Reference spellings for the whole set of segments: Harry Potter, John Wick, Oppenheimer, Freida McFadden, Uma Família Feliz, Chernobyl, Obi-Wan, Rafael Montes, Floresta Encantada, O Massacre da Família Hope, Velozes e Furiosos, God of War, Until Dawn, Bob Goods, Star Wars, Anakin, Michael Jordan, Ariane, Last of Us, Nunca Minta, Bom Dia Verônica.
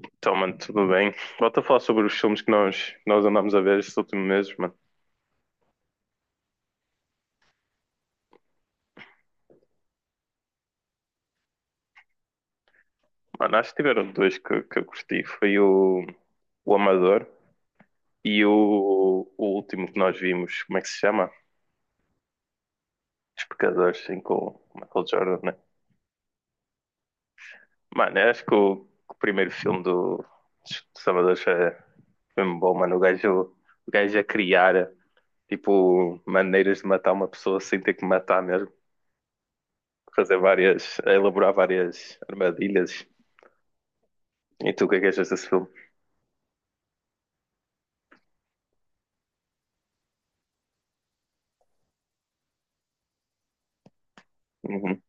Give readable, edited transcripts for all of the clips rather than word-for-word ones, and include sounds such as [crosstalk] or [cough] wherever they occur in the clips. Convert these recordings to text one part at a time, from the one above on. Então, mano, tudo bem. Volto a falar sobre os filmes que nós andámos a ver estes últimos meses, mano. Mano, acho que tiveram dois que eu curti. Foi o Amador e o último que nós vimos, como é que se chama? Os Pecadores, sim, com o Michael Jordan, né? Mano, eu acho que o primeiro filme dos Amadores foi mesmo bom, mano. O gajo a criar, tipo, maneiras de matar uma pessoa sem ter que matar mesmo. Fazer várias, a elaborar várias armadilhas. E tu, o que é que achas desse filme? Uhum.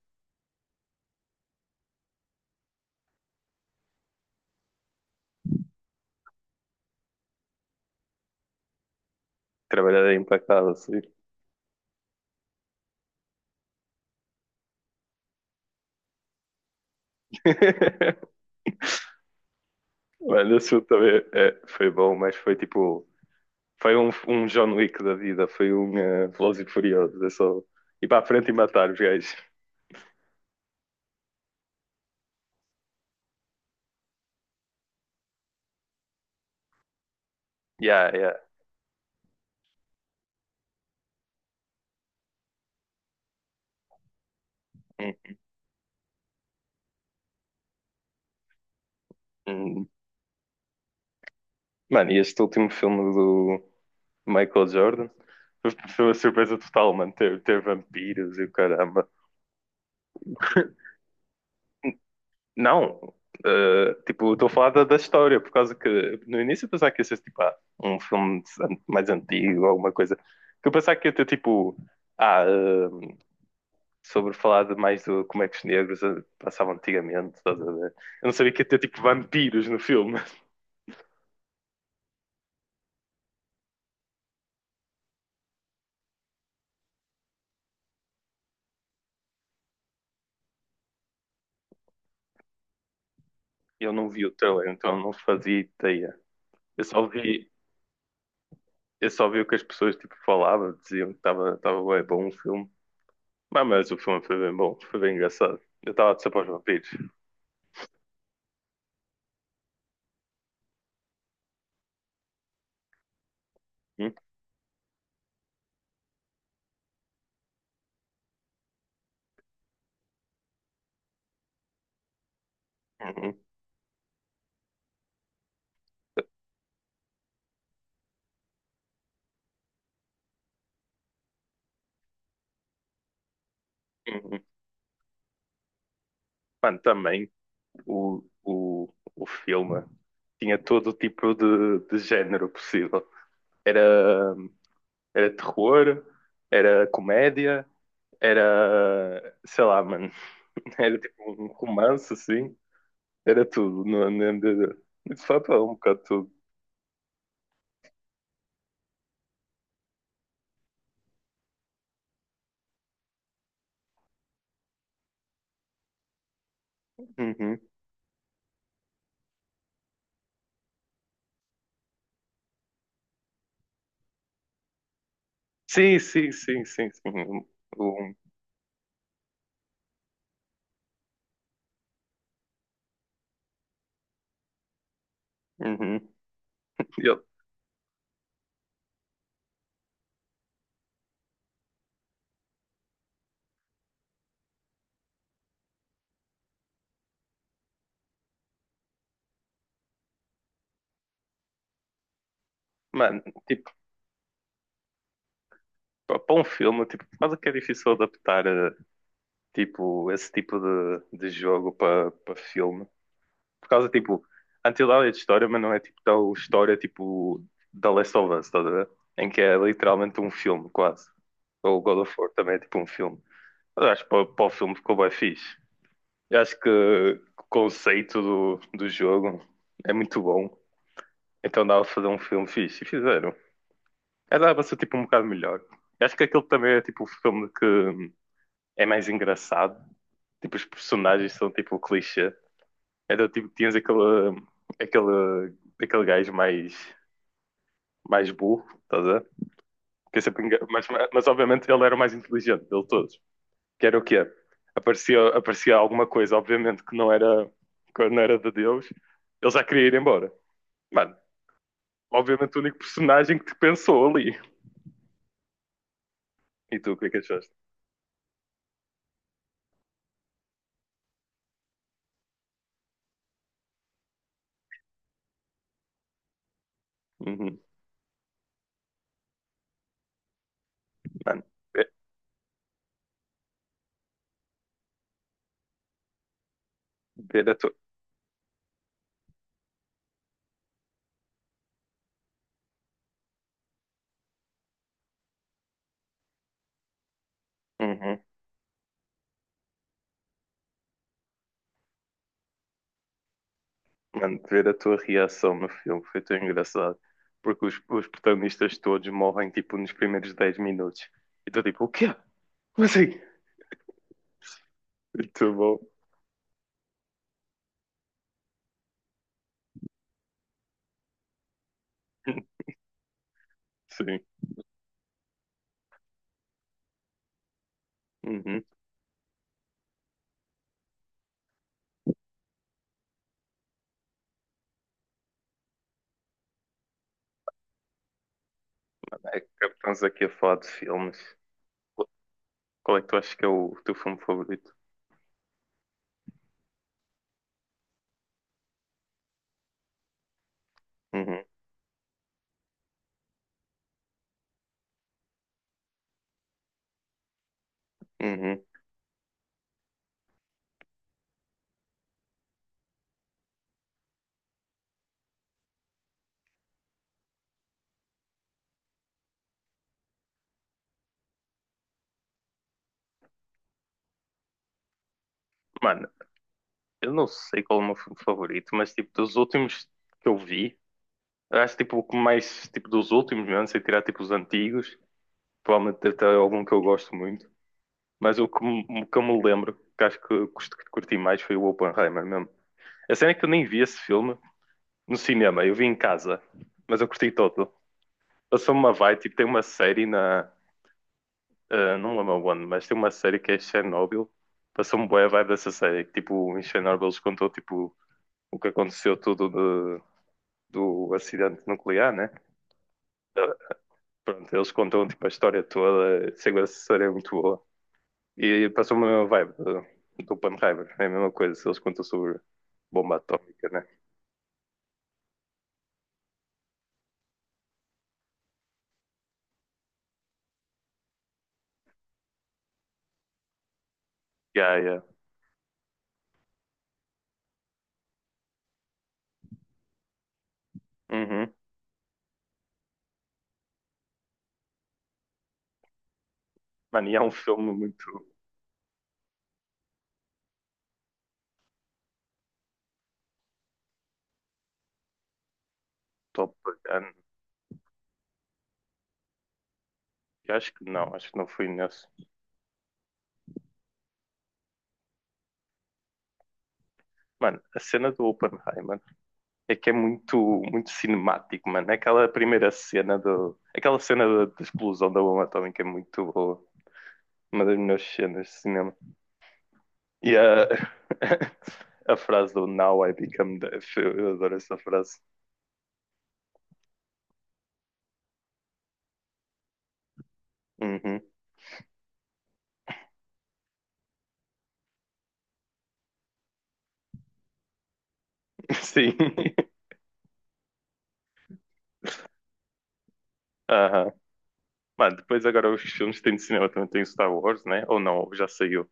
Trabalhar é impecável, sim. [laughs] Mas esse filme também foi bom, mas foi tipo. Foi um, um John Wick da vida, foi um Velozes e Furiosos. É só ir para a frente e matar os gajos. Yeah, yeah. Hum, hum. Mano, e este último filme do Michael Jordan foi foi uma surpresa total, mano. Ter vampiros e o caramba. [laughs] Não, tipo, estou a falar da história, por causa que no início eu pensava que ia ser tipo, ah, um filme an- mais antigo, alguma coisa. Que eu pensava que ia ter tipo, ah, eh, sobre falar de mais do como é que os negros passavam antigamente, estás a ver? Eu não sabia que ia ter tipo vampiros no filme. Eu não vi o trailer, então não fazia ideia. Eu só vi, eu só vi o que as pessoas tipo, falavam, diziam que estava estava bem bom o filme. Mas o filme foi bem bom, foi bem engraçado. Eu estava a dizer para os vampiros. Hum, hum, hum. Mano, também o, o, o filme tinha todo o tipo de género possível. Era, era terror, era comédia, era, sei lá, mano, [laughs] era tipo um romance assim. Era tudo no MDD. De fato, era um bocado tudo. Uhum. Sim, sim, sim, sim, sim. Um, uhum. eu- mano, tipo, para um filme, tipo, quase que é difícil adaptar tipo, esse tipo de jogo para para filme. Por causa, tipo, Until Dawn é de história, mas não é tipo tal história tipo da Last of Us, estás a ver? Em que é literalmente um filme, quase. Ou God of War também é tipo um filme. Mas acho que para o filme ficou bem fixe. Eu acho que o conceito do jogo é muito bom. Então dava pra fazer um filme fixe. E fizeram. Era dava pra ser tipo um bocado melhor. Eu acho que aquele também é tipo o filme que é mais engraçado. Tipo, os personagens são tipo clichê. Era tipo, tinhas aquele, aquele gajo mais burro, estás a ver? Que é sempre mas obviamente ele era o mais inteligente dele todos. Que era o quê? Aparecia alguma coisa, obviamente, que não era de Deus. Ele já queria ir embora. Mano, obviamente o único personagem que te pensou ali. E tu, o que é que achaste? Uhum. Mano, ve- ver a tua... Uhum. Mano, ver a tua reação no filme foi tão engraçado. Porque os protagonistas todos morrem, tipo, nos primeiros 10 minutos. E tu, tipo, o quê? Como assim? Muito bom. Sim. Uhum. É que estamos aqui a falar de filmes. Qu- Qual é que tu achas que é o teu filme favorito? Uhum. Uhum. Mano, eu não sei qual é o meu filme favorito, mas, tipo, dos últimos que eu vi. Eu acho tipo o que mais tipo dos últimos, mesmo, sem tirar tipo os antigos, provavelmente deve algum que eu gosto muito, mas o que, o que eu me lembro, que acho que que curti mais foi o Oppenheimer mesmo. A cena é que eu nem vi esse filme no cinema, eu vi em casa, mas eu curti todo. Passou-me uma vibe, tipo, tem uma série na. Não lembro onde, mas tem uma série que é Chernobyl. Passou-me boa a vibe dessa série, que tipo, em Chernobyl eles contou tipo o que aconteceu tudo do acidente nuclear, né? Pronto, eles contam tipo, a história toda, sei lá, a série é muito boa. E passou-me a mesma vibe do Oppenheimer, é a mesma coisa, eles contam sobre bomba atómica, né? Yeah, yeah. Uhum. Mano, e há um filme muito top bacana. Eu acho que não fui nesse. Mano, a cena do Oppenheimer é que é muito cinemático, mano. Aquela primeira cena do. Aquela cena da explosão da bomba atómica é muito boa. Uma das melhores cenas de cinema. E a, [laughs] a frase do Now I Become Deaf, eu adoro essa frase. Uhum. [laughs] Sim. [laughs] Aham. Mano, depois agora os filmes que têm de cinema também tem Star Wars, né? Ou não, já saiu.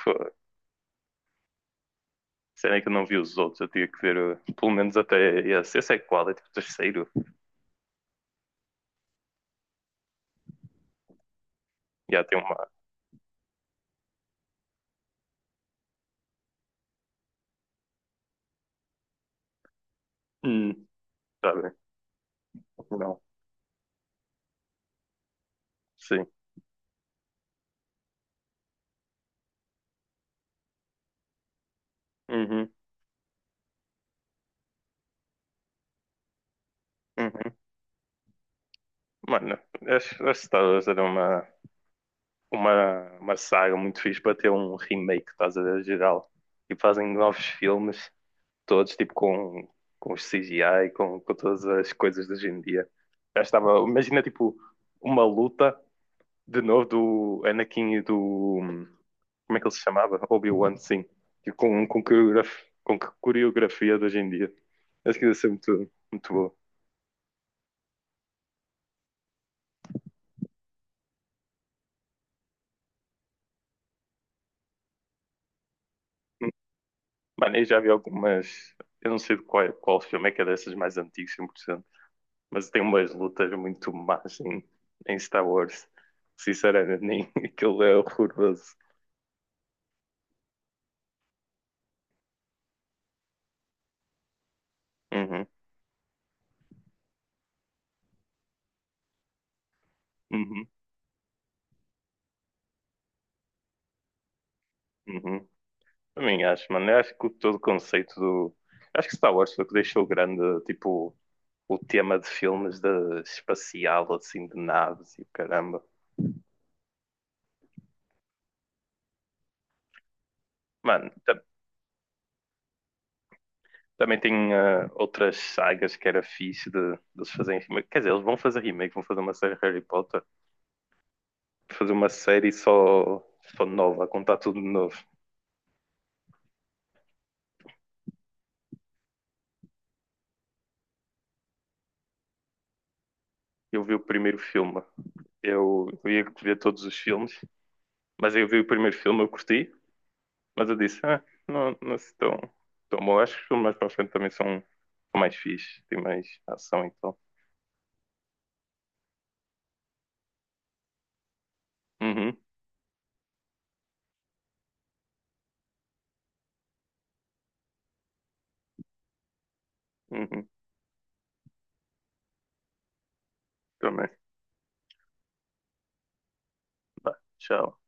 Fô, será que eu não vi os outros? Eu tinha que ver pelo menos até esse. Esse é qual? É tipo o terceiro. Já tem uma. Hum. Sabe? Não. Sim. Uhum. Uhum. Mano, acho acho que Star Wars era uma saga muito fixe para ter um remake, estás a ver, geral. E fazem novos filmes todos, tipo com os CGI, com todas as coisas de hoje em dia. Já estava, imagina tipo uma luta de novo do Anakin e do. Como é que ele se chamava? Obi-Wan, sim. Tipo, coreografia, com que coreografia de hoje em dia. Acho que ia ser muito boa. Mano, eu já vi algumas. Eu não sei de qual filme é que é dessas mais antigas, 100%, mas tem umas lutas muito más em, em Star Wars. Sinceramente, nem [laughs] aquilo é horroroso. Uhum. Uhum, uhum. Também acho, mano. Eu acho que todo o conceito do. Acho que Star Wars foi o que deixou grande, tipo, o tema de filmes de espacial, assim, de naves e o caramba. Mano, também tem outras sagas que era fixe de eles fazerem remake. Quer dizer, eles vão fazer remake, vão fazer uma série de Harry Potter, fazer uma série só nova, a contar tudo de novo. Eu vi o primeiro filme, eu ia ver todos os filmes, mas eu vi o primeiro filme, eu curti, mas eu disse, ah, não, não se tão, tão bom. Acho que os filmes mais para a frente também são, são mais fixes, tem mais ação então. Uhum, uhum, também. Tá, tchau.